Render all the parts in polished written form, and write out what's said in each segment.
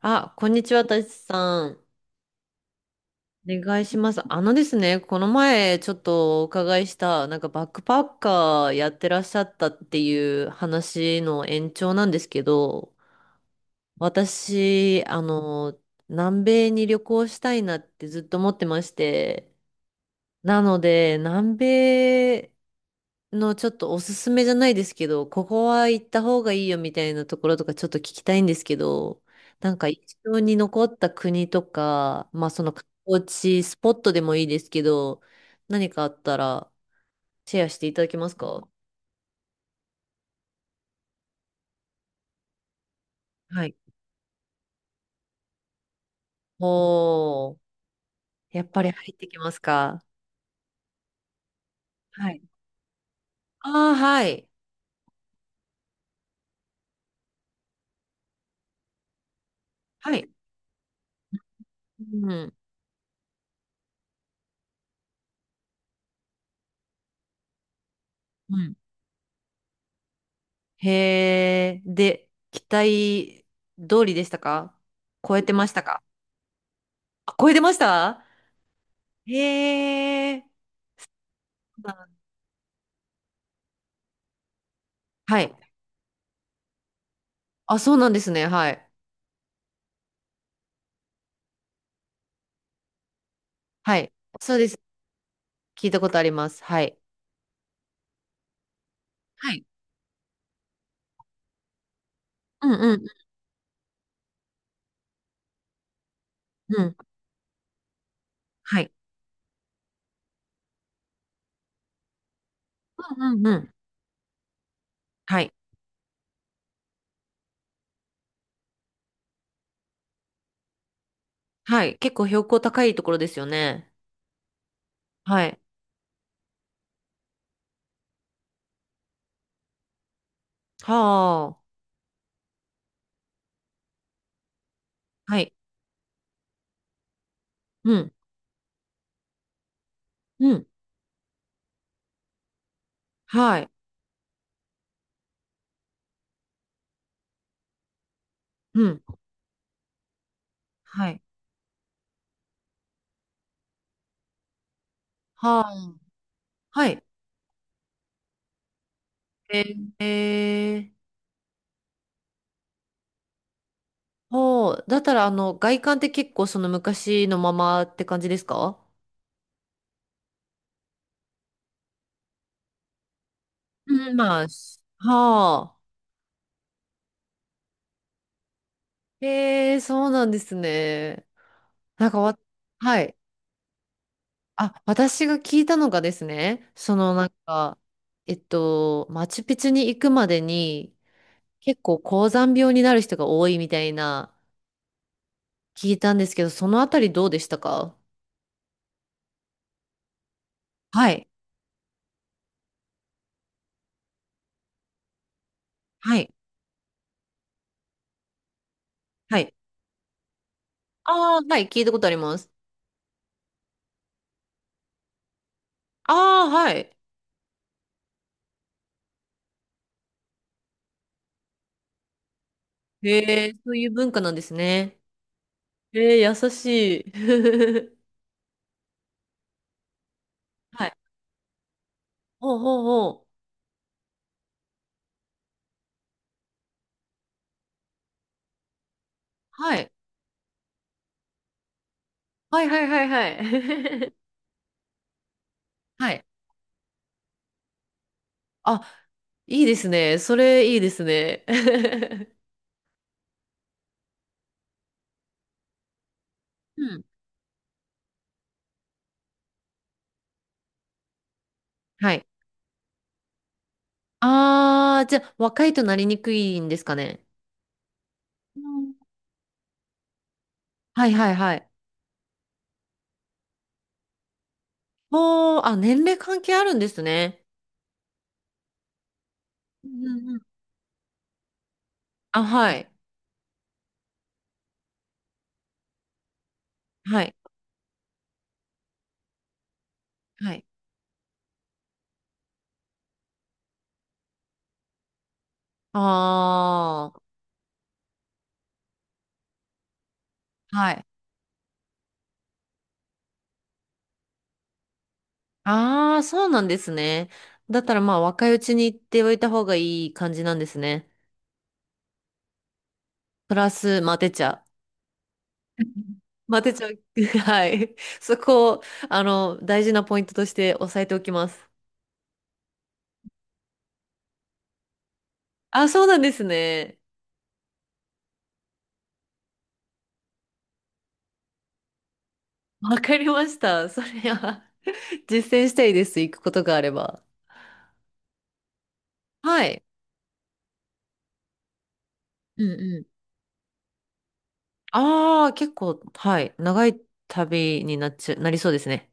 あ、こんにちは、たちさん。お願いします。あのですね、この前ちょっとお伺いした、なんかバックパッカーやってらっしゃったっていう話の延長なんですけど、私、南米に旅行したいなってずっと思ってまして、なので、南米のちょっとおすすめじゃないですけど、ここは行った方がいいよみたいなところとかちょっと聞きたいんですけど、なんか印象に残った国とか、まあその観光地、スポットでもいいですけど、何かあったらシェアしていただけますか？はい。おー、やっぱり入ってきますか？はい。ああ、はい。はい。うん。うん。へえ、で、期待通りでしたか？超えてましたか？あ、超えてました？へえ。あ、はい。あ、そうなんですね。はい。はい。そうです。聞いたことあります。はい。はい。うんうんうんうん。はい。うんうんうん。はい。はい。結構標高高いところですよね。はい。はあ、はい。うん。うん。はい。うん。はい。はあ。はい。えー、えー、ほう。だったら、外観って結構その昔のままって感じですか？うん、まあ、しはあ。へえ、そうなんですね。なんかわ、はい。あ、私が聞いたのがですね、そのなんか、マチュピチュに行くまでに結構高山病になる人が多いみたいな聞いたんですけど、そのあたりどうでしたか？はい。はい。はい。ああ、はい。聞いたことあります。ああ、はい。へえ、そういう文化なんですね。へえ、優しい。はい。ほうほうほう。はい。はいはいはいはい。はい、あ、いいですね。それいいですね。うん。はい。あー、じゃあ、若いとなりにくいんですかね。うん、はいはいはい。もう、あ、年齢関係あるんですね。うんうんうん、あ、はい。はい。はい。ああ、はい。ああ、そうなんですね。だったらまあ若いうちに行っておいた方がいい感じなんですね。プラス、まあ出ちゃう。マテ茶、はい。そこを、大事なポイントとして押さえておきます。あ、そうなんですね。わかりました。それは 実践したいです。行くことがあれば。はい。うんうん。ああ、結構、はい。長い旅になっちゃ、なりそうですね。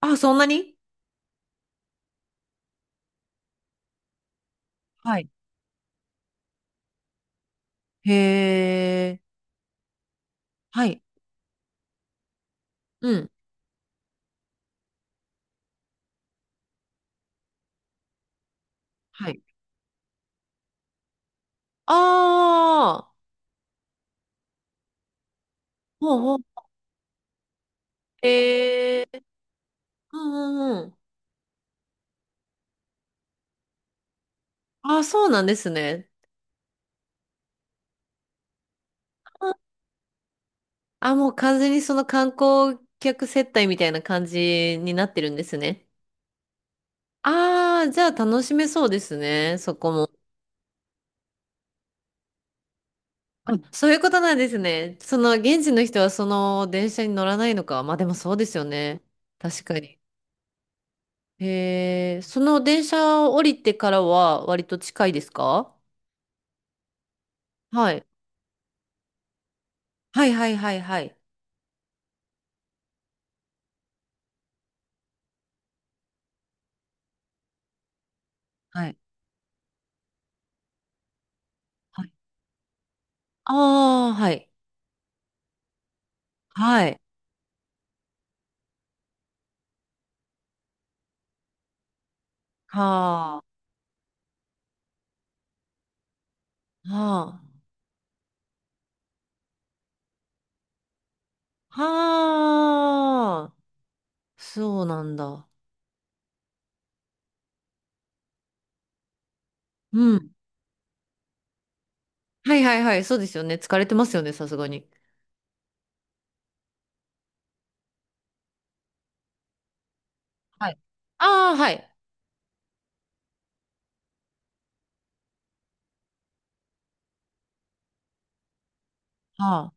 あ、そんなに？はい。へえ。はい。うん。はい。ああ、ほうほう。へえ。うんうんうん。あ、そうなんですね。あ、もう完全にその観光客接待みたいな感じになってるんですね。ああ、じゃあ楽しめそうですね、そこも。あ、そういうことなんですね。その現地の人はその電車に乗らないのか。まあでもそうですよね。確かに。へえ、その電車を降りてからは割と近いですか？はい。はいはいはいはい。はい。はい。ああ、はい。はい。はあ。はあ。はあ。そうなんだ。うん。はいはいはい。そうですよね。疲れてますよね、さすがに。はい。ああ、はい。はあ。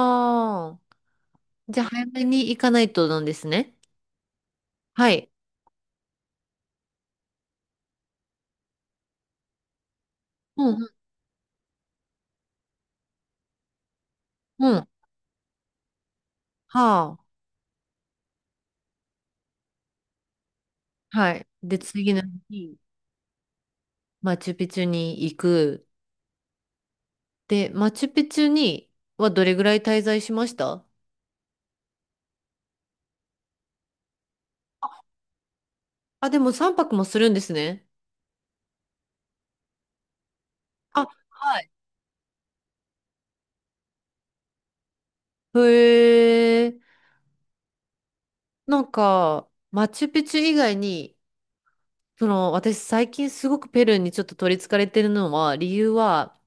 はあ。じゃあ、早めに行かないとなんですね。はい。うん、うん、うん。はあ。はい。で、次の日、マチュピチュに行く。で、マチュピチュにはどれぐらい滞在しました？あ、でも3泊もするんですね。あ、はい。へえ。なんか、マチュピチュ以外にその、私最近すごくペルーにちょっと取り憑かれてるのは、理由は、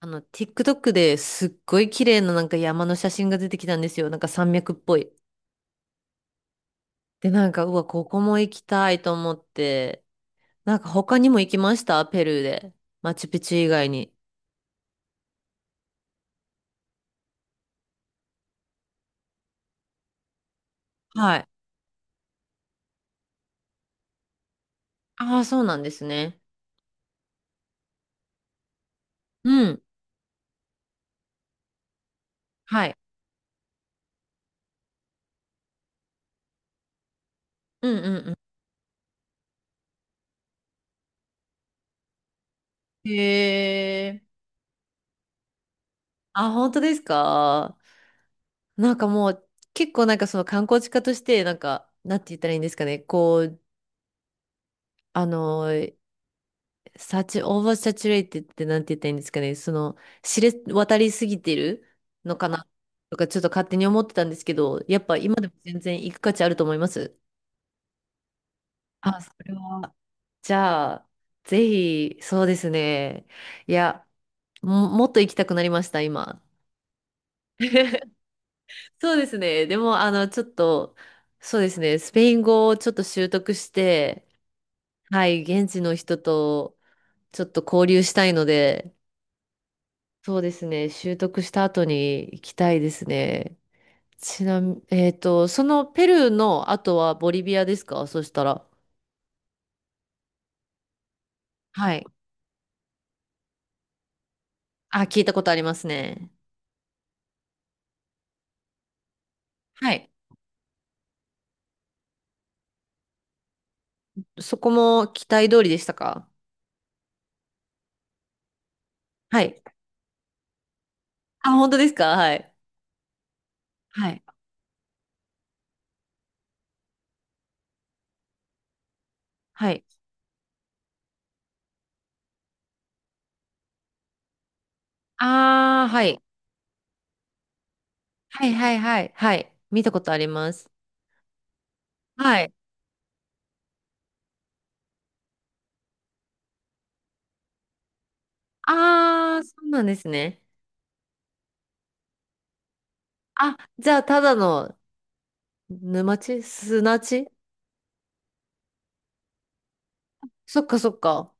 TikTok ですっごい綺麗ななんか山の写真が出てきたんですよ。なんか山脈っぽい。で、なんか、うわ、ここも行きたいと思って、なんか他にも行きましたペルーで。マチュピチュ以外に。はい。ああ、そうなんですね。うん。はい。うんうんうん。へえ。あ、本当ですか？なんかもう結構なんかその観光地化としてなんか、なんて言ったらいいんですかね。こう、あのサチ、オーバーサチュレイテってなんて言ったらいいんですかね。その、知れ渡りすぎてるのかな、とか、ちょっと勝手に思ってたんですけど、やっぱ今でも全然行く価値あると思います。あ、それは。じゃあ、ぜひ、そうですね。いや、もっと行きたくなりました、今。そうですね。でも、ちょっと、そうですね。スペイン語をちょっと習得して、はい、現地の人とちょっと交流したいので、そうですね。習得した後に行きたいですね。ちなみに、そのペルーの後はボリビアですか、そしたら。はい。あ、聞いたことありますね。はい。そこも期待通りでしたか？はい。あ、本当ですか？はい。はい。はい。ああ、はい。はいはいはい。はい。見たことあります。はい。ああ、そうなんですね。あ、じゃあ、ただの沼地砂地？そっかそっか。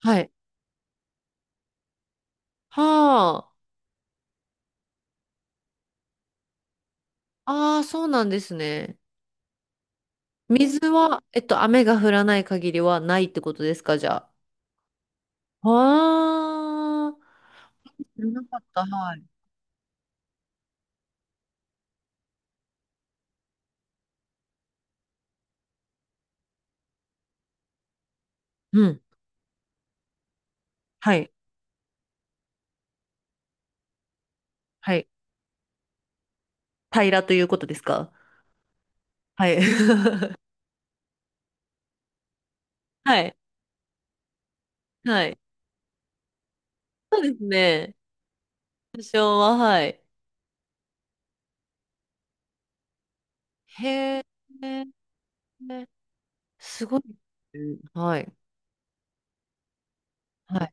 はい。はあ。ああ、そうなんですね。水は、雨が降らない限りはないってことですか、じゃあ。ああ、知らなかった、はい。うん。はい。はい。平らということですか？はい。はい。はい。ですね。多少は、はい。へえ、すごい。はい。はい。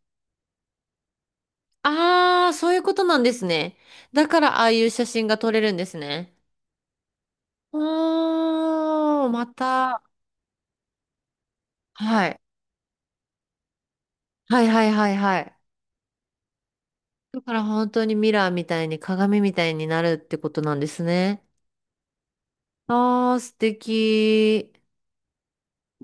ああ、そういうことなんですね。だから、ああいう写真が撮れるんですね。おー、また。はい。はいはいはいはい。だから本当にミラーみたいに鏡みたいになるってことなんですね。ああ、素敵。